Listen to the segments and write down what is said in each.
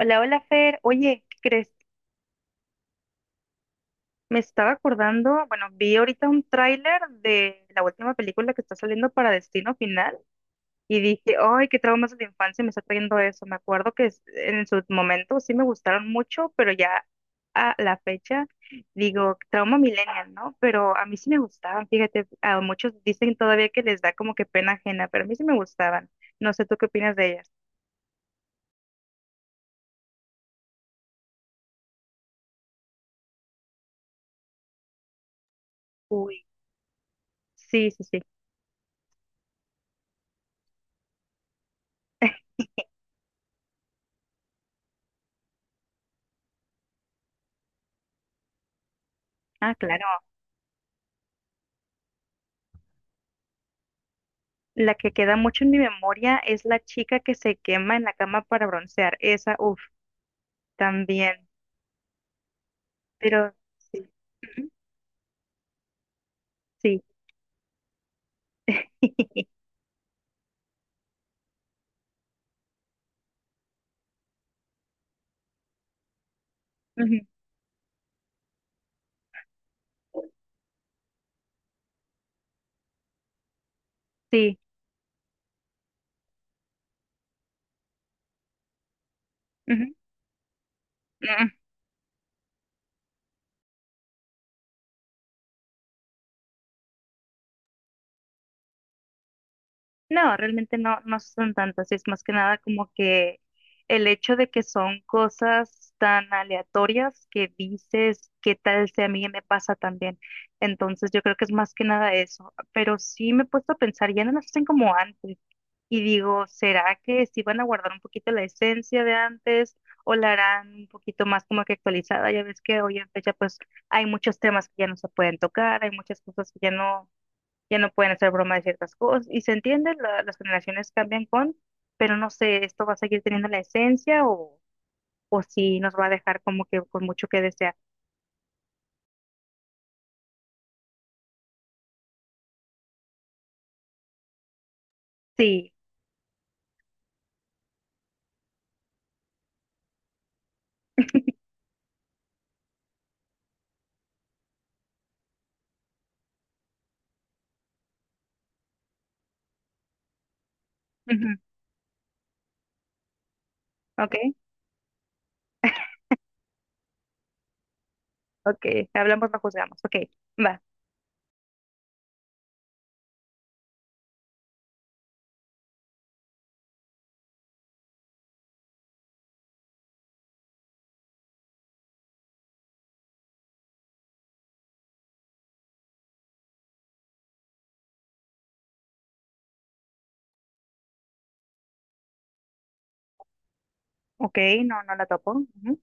Hola, hola Fer. Oye, ¿qué crees? Me estaba acordando, bueno, vi ahorita un tráiler de la última película que está saliendo para Destino Final y dije, ay, qué traumas de la infancia me está trayendo eso. Me acuerdo que en sus momentos sí me gustaron mucho, pero ya a la fecha digo, trauma millennial, ¿no? Pero a mí sí me gustaban, fíjate, a muchos dicen todavía que les da como que pena ajena, pero a mí sí me gustaban. No sé, ¿tú qué opinas de ellas? Uy, sí, sí, sí. Ah, claro. La que queda mucho en mi memoria es la chica que se quema en la cama para broncear. Esa, uff, también. Pero sí. Ujú, sí. Ujú, sí. Ujú, no, realmente no, no son tantas. Es más que nada como que el hecho de que son cosas tan aleatorias que dices, ¿qué tal si a mí me pasa también? Entonces yo creo que es más que nada eso. Pero sí me he puesto a pensar, ya no las hacen como antes. Y digo, ¿será que sí van a guardar un poquito la esencia de antes o la harán un poquito más como que actualizada? Ya ves que hoy en fecha pues hay muchos temas que ya no se pueden tocar, hay muchas cosas que ya no pueden hacer broma de ciertas cosas. Y se entiende, las generaciones cambian con, pero no sé, ¿esto va a seguir teniendo la esencia o si nos va a dejar como que con mucho que desear? Sí. Ujú. Ok, ok, hablamos, no juzgamos. Ok, va. Ok, no, no la topo. Ujú.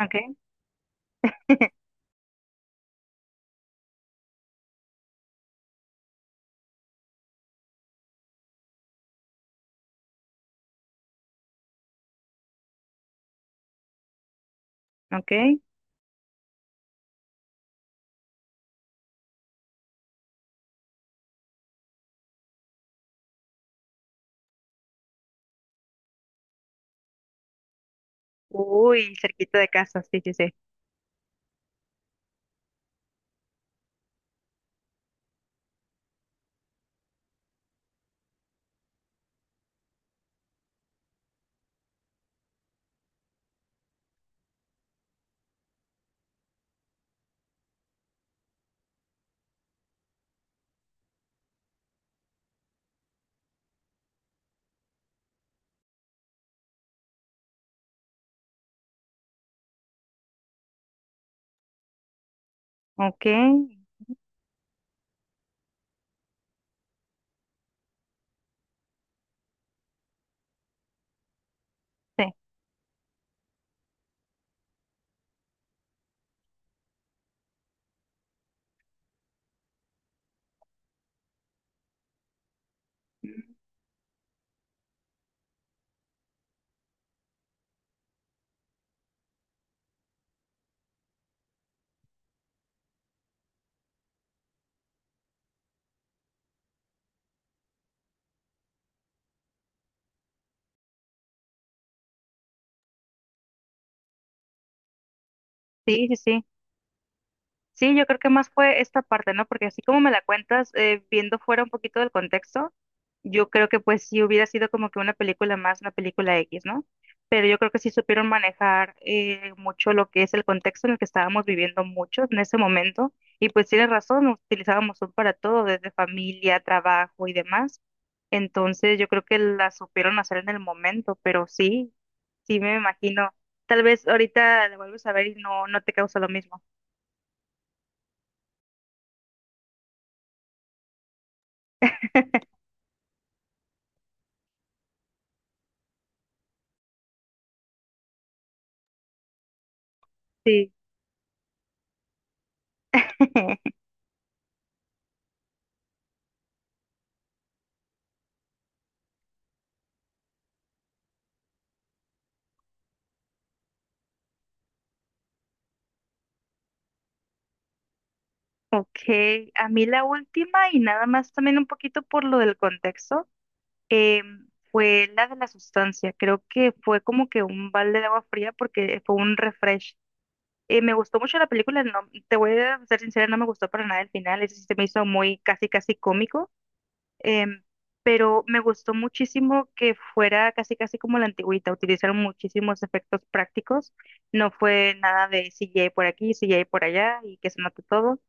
Ok, ok. Uy, cerquita de casa, sí, sí, sí. Ok, sí. Sí, sí, sí. Sí, yo creo que más fue esta parte, ¿no? Porque así como me la cuentas, viendo fuera un poquito del contexto, yo creo que pues sí hubiera sido como que una película más, una película X, ¿no? Pero yo creo que sí supieron manejar mucho lo que es el contexto en el que estábamos viviendo muchos en ese momento. Y pues tienes razón, utilizábamos Zoom para todo, desde familia, trabajo y demás. Entonces yo creo que la supieron hacer en el momento, pero sí, sí me imagino. Tal vez ahorita la vuelves a ver y no, no te causa lo mismo. Sí. Ok, a mí la última y nada más también un poquito por lo del contexto, eh, fue la de la sustancia. Creo que fue como que un balde de agua fría porque fue un refresh. Me gustó mucho la película, no, te voy a ser sincera, no me gustó para nada el final, ese sí se me hizo muy casi casi cómico, em, pero me gustó muchísimo que fuera casi casi como la antigüita, utilizaron muchísimos efectos prácticos, no fue nada de CGI por aquí, CGI por allá y que se note todo.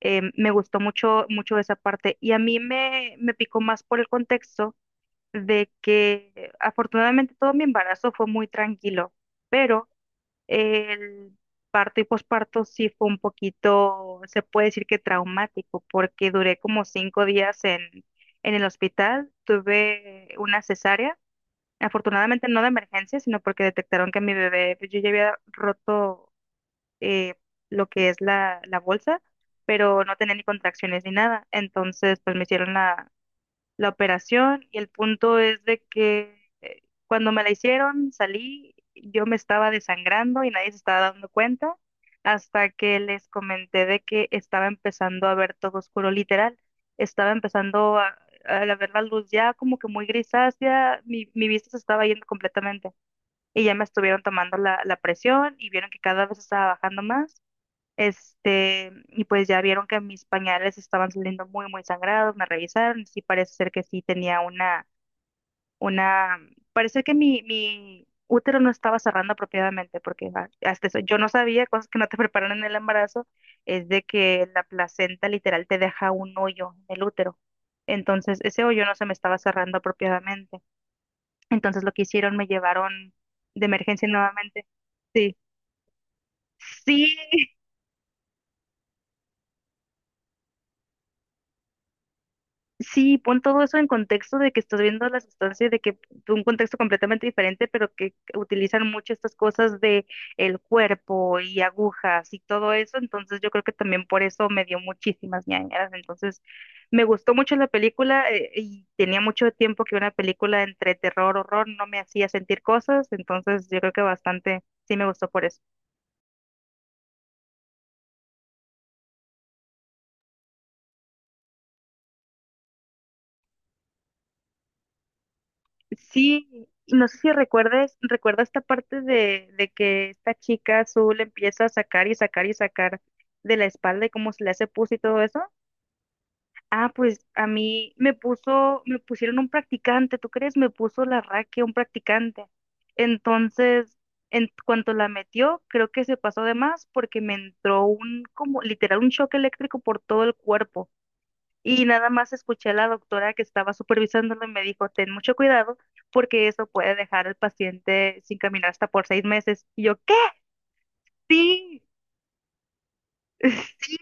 Me gustó mucho, mucho esa parte y a mí me picó más por el contexto de que afortunadamente todo mi embarazo fue muy tranquilo, pero el parto y posparto sí fue un poquito, se puede decir que traumático, porque duré como 5 días en el hospital, tuve una cesárea. Afortunadamente no de emergencia, sino porque detectaron que mi bebé, pues, yo ya había roto eh, lo que es la bolsa, pero no tenía ni contracciones ni nada. Entonces, pues me hicieron la operación y el punto es de que cuando me la hicieron, salí, yo me estaba desangrando y nadie se estaba dando cuenta hasta que les comenté de que estaba empezando a ver todo oscuro, literal. Estaba empezando a ver la luz ya como que muy grisácea, mi vista se estaba yendo completamente y ya me estuvieron tomando la presión y vieron que cada vez estaba bajando más y pues ya vieron que mis pañales estaban saliendo muy, muy sangrados, me revisaron, y sí parece ser que sí tenía una, parece que mi útero no estaba cerrando apropiadamente, porque hasta eso, yo no sabía, cosas que no te preparan en el embarazo, es de que la placenta literal te deja un hoyo en el útero. Entonces, ese hoyo no se me estaba cerrando apropiadamente. Entonces, lo que hicieron, me llevaron de emergencia nuevamente. Sí, sí, sí, pon todo eso en contexto de que estás viendo la sustancia, y de que de un contexto completamente diferente, pero que utilizan mucho estas cosas de el cuerpo y agujas y todo eso, entonces yo creo que también por eso me dio muchísimas ñañaras, entonces me gustó mucho la película y tenía mucho tiempo que una película entre terror, horror no me hacía sentir cosas, entonces yo creo que bastante sí me gustó por eso. Sí, no sé si recuerdes, recuerda esta parte de que esta chica azul empieza a sacar y sacar y sacar de la espalda y cómo se le hace pus y todo eso. Ah, pues a mí me puso, me pusieron un practicante, ¿tú crees? Me puso la raquia un practicante. Entonces, en cuanto la metió, creo que se pasó de más porque me entró un, como literal, un choque eléctrico por todo el cuerpo y nada más escuché a la doctora que estaba supervisándolo y me dijo, ten mucho cuidado porque eso puede dejar al paciente sin caminar hasta por 6 meses. Y yo, ¿qué? Sí, sí,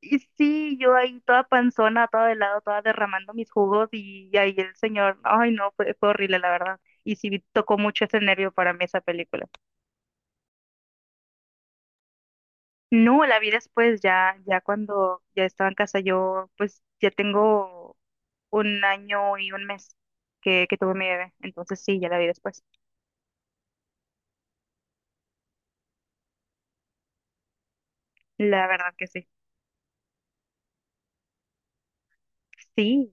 y sí, yo ahí toda panzona, todo de lado, toda derramando mis jugos y ahí el señor, ay no, fue horrible la verdad. Y sí tocó mucho ese nervio para mí esa película. No, la vi después, ya, ya cuando ya estaba en casa, yo pues ya tengo un año y un mes que tuve mi bebé. Entonces sí, ya la vi después. La verdad que sí. Sí,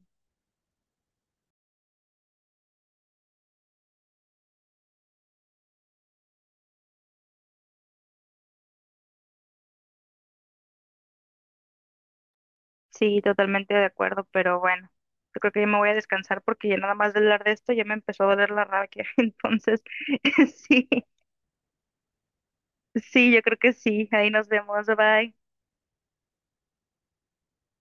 sí, totalmente de acuerdo, pero bueno, yo creo que ya me voy a descansar porque ya nada más de hablar de esto ya me empezó a doler la rabia. Entonces, sí, sí, yo creo que sí. Ahí nos vemos. Bye.